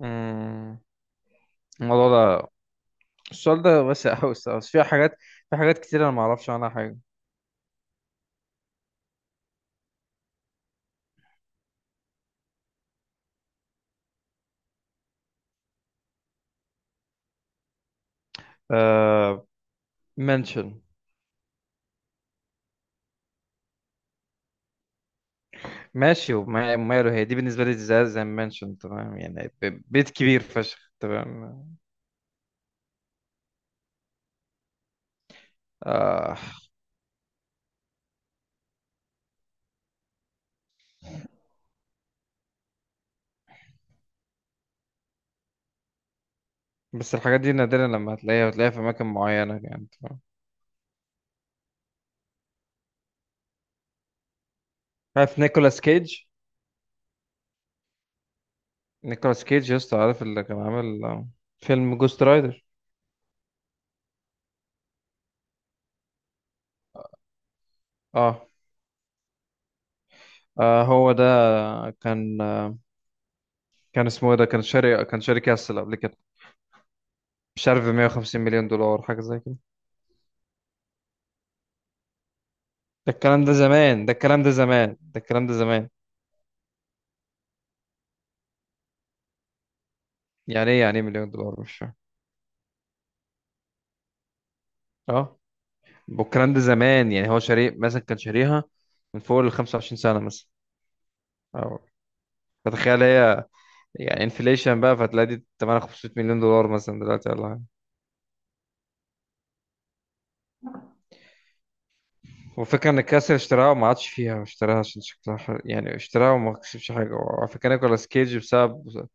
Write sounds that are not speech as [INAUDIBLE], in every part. مم. الموضوع ده السؤال ده واسع أوي الصراحة، بس في حاجات كتير أنا ما أعرفش عنها حاجة. آه، منشن. ماشي، وماله، هي دي بالنسبة لي، زي منشن تمام، يعني بيت كبير فشخ تمام. آه بس الحاجات دي نادرا لما هتلاقيها في أماكن معينة، يعني تمام. عارف نيكولاس كيج؟ نيكولاس كيج يا اسطى، عارف اللي كان عامل، فيلم جوست رايدر. اه. آه، هو ده. كان كان اسمه ايه ده؟ كان شاري كاسل قبل كده، مش عارف، ب 150 مليون دولار، حاجة زي كده. ده الكلام ده زمان، ده الكلام ده زمان، ده الكلام ده زمان. يعني ايه، يعني ايه، مليون دولار؟ مش فاهم. اه، والكلام ده زمان، يعني هو شاري مثلا، كان شاريها من فوق ال 25 سنة مثلا، أو فتخيل هي، يعني انفليشن بقى، فتلاقي دي 8 500 مليون دولار مثلا دلوقتي، ولا حاجة. والفكرة ان الكاسر اشتراها وما عادش فيها، اشتراها عشان شكلها حلو، يعني اشتراها وما كسبش حاجة. وعلى فكرة نيكولاس كيج بسبب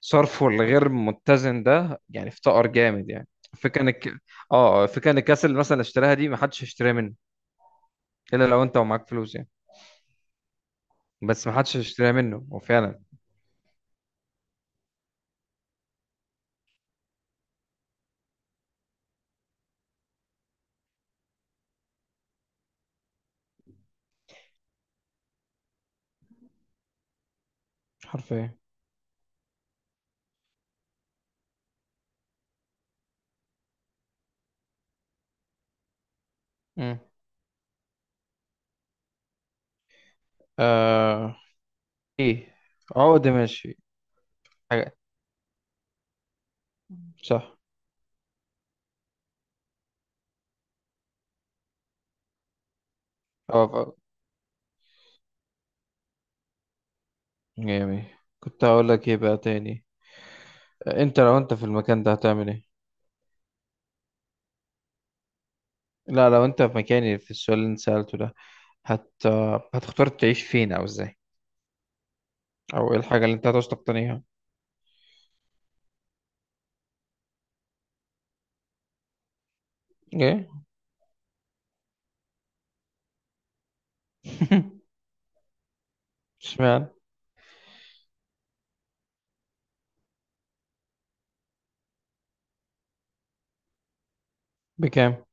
صرفه الغير متزن ده، يعني افتقر جامد يعني. فكرة ان الك... اه، فكرة ان الكاس، اللي اشتراها دي، ما حدش هيشتريها منه الا لو انت ومعاك فلوس يعني. بس ما حدش هيشتريها منه هو فعلا، حرفيا. مم. آه، ايه، عقد ماشي. حاجة، صح. اه، جميل. كنت هقول لك ايه بقى تاني؟ انت لو انت في المكان ده هتعمل ايه؟ لا، لو انت في مكاني، في السؤال اللي انت سألته ده، هت آه، هتختار تعيش فين او ازاي، او ايه الحاجة اللي انت هتعوز تقتنيها؟ ايه؟ [LAUGHS] اشمعنى؟ بكام؟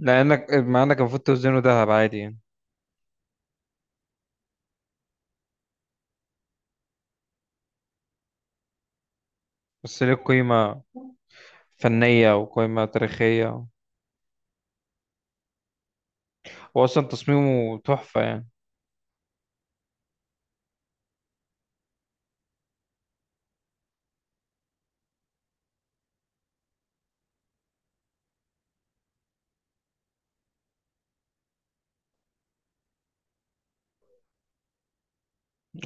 لأنك مع إنك المفروض توزنه دهب عادي يعني. بس ليه قيمة فنية وقيمة تاريخية، وأصلا تصميمه تحفة يعني.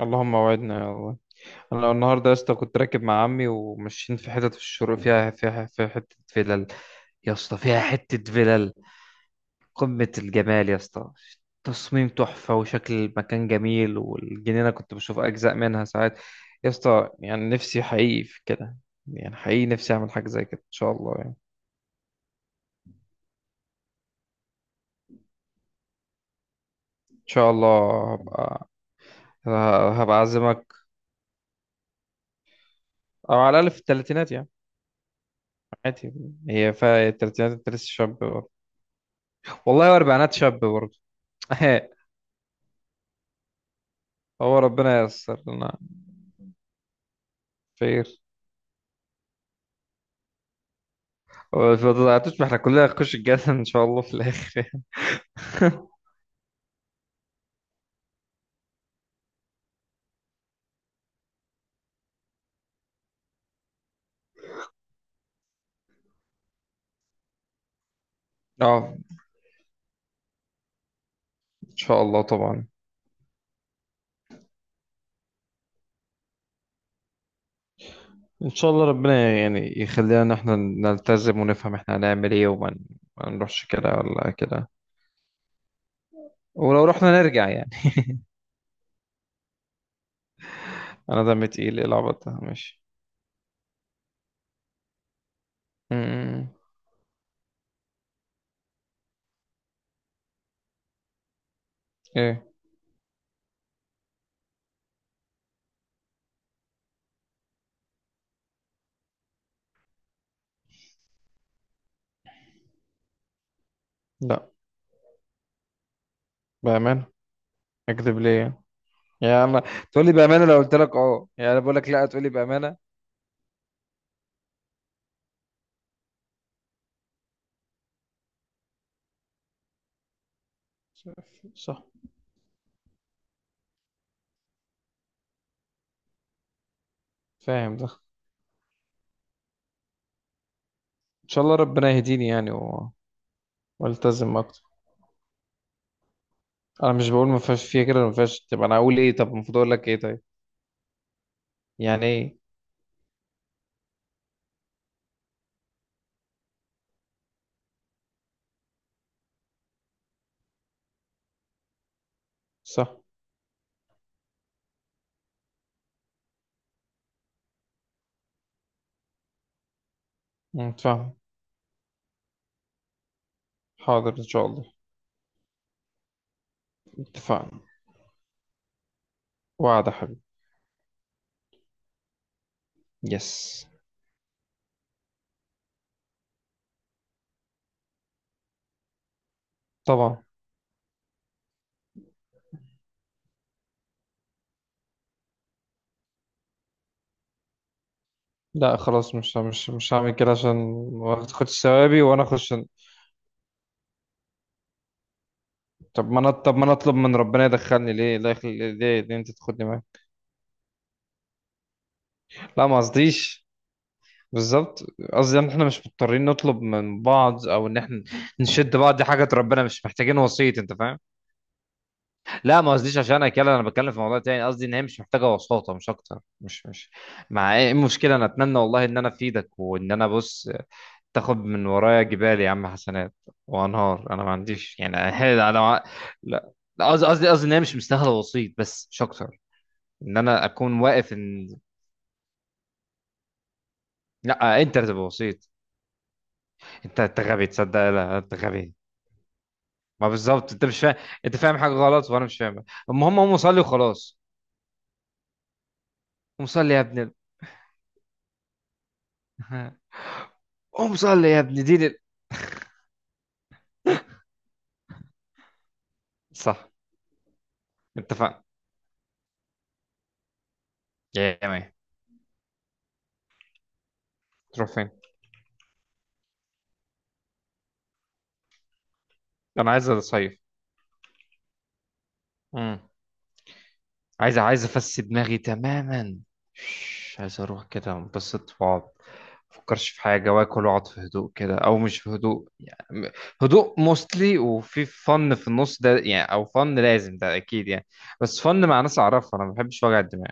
اللهم وعدنا يا الله. أنا النهاردة يا اسطى كنت راكب مع عمي وماشيين في حتت في الشروق، فيها، فيها في حتة فلل يا اسطى، فيها حتة فلل قمة الجمال يا اسطى، تصميم تحفة وشكل المكان جميل، والجنينة كنت بشوف أجزاء منها ساعات يا اسطى، يعني نفسي حقيقي في كده، يعني حقيقي نفسي أعمل حاجة زي كده إن شاء الله يعني. ان شاء الله هبقى، هبقى اعزمك. او على الاقل في الثلاثينات يعني. عادي، هي في الثلاثينات انت لسه شاب برضه، والله واربعينات شاب برضه. [LAUGHS] هو ربنا ييسر لنا. خير. ما تضيعتوش، ما احنا كلنا هنخش الجنه ان شاء الله في الاخر. [LAUGHS] اه، ان شاء الله طبعا. ان شاء الله ربنا يعني يخلينا ان احنا نلتزم ونفهم احنا هنعمل ايه، ما نروحش كده ولا كده، ولو رحنا نرجع يعني. [LAUGHS] انا دمي تقيل، ايه العبط ده، ماشي. م- م- ايه، لا، بأمانة، أكذب ليه يعني؟ يعني أنا، تقول لي بأمانة؟ لو قلت لك أه، يعني أنا بقول لك لأ، تقول لي بأمانة. صح، فاهم ده. إن شاء الله ربنا يهديني يعني، والتزم أكتر. أنا مش بقول ما فيهاش، فيها كده، ما فيهاش، طب أنا أقول إيه؟ طب المفروض أقول لك إيه؟ طيب، يعني إيه؟ صح. فاهم، حاضر، إن شاء الله. اتفقنا، وعد يا حبيبي. يس، طبعا. لا، خلاص، مش هعمل كده عشان ما تاخدش ثوابي وانا اخش. طب ما انا اطلب من ربنا يدخلني، ليه لا، يخلي ليه ليه انت تاخدني معاك؟ لا، ما قصديش، بالظبط، قصدي ان احنا مش مضطرين نطلب من بعض، او ان احنا نشد بعض، دي حاجه ربنا مش محتاجين وسيط، انت فاهم. لا، ما قصديش عشان انا كده، انا بتكلم في موضوع تاني، قصدي ان هي مش محتاجه وساطه، مش اكتر، مش مش مع ايه المشكله؟ انا اتمنى والله ان انا افيدك وان انا بص، تاخد من ورايا جبال يا عم حسنات، وانهار انا ما عنديش يعني، انا انا-. لا، لا، قصدي ان هي مش مستاهله وسيط بس مش اكتر، ان انا اكون واقف ان، لا، انت اللي تبقى وسيط. انت غبي، تصدق لا، انت غبي. ما بالظبط انت مش فاهم، انت فاهم حاجه غلط وانا مش فاهم. المهم، هم صلي وخلاص. قوم صلي يا ابن ال... [LAUGHS] قوم صلي يا ابن دين ال... صح، اتفقنا. يا جماعه، تروح فين؟ انا عايز اصيف. مم. عايز افسي دماغي تماما، مش عايز اروح كده انبسط واقعد، مفكرش في حاجة، واكل واقعد في هدوء كده، او مش في هدوء يعني، هدوء موستلي، وفي فن في النص ده يعني، او فن لازم ده اكيد يعني، بس فن مع ناس اعرفها، انا ما بحبش وجع الدماغ.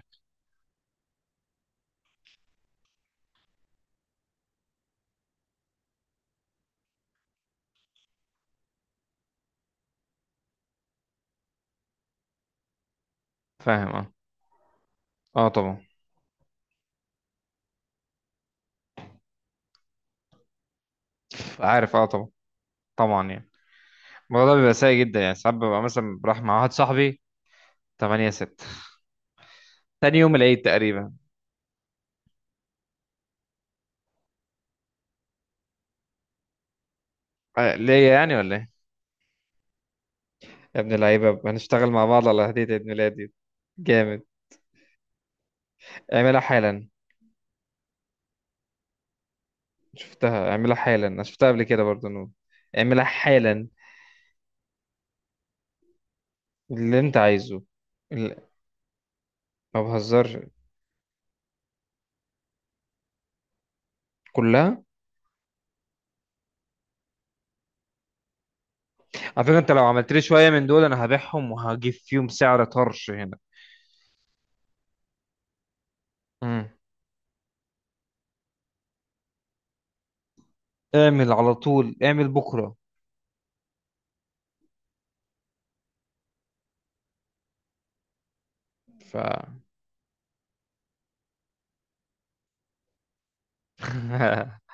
فاهم، اه. اه طبعا، عارف، اه طبعا، طبعا يعني. الموضوع ده بيبقى سيء جدا يعني ساعات، ببقى مثلا راح مع واحد صاحبي. 8 6، تاني يوم العيد تقريبا. آه، ليا يعني ولا ايه؟ يا ابن اللعيبة، هنشتغل مع بعض على هدية عيد ميلادي؟ جامد. اعملها حالا. شفتها، اعملها حالا، انا شفتها قبل كده برضه نور، اعملها حالا. اللي انت عايزه. ال- ما بهزرش، كلها. على فكرة انت لو عملت لي شوية من دول انا هبيعهم وهجيب فيهم سعر طرش هنا. امم اعمل على طول، اعمل بكرة. ف [LAUGHS]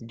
جت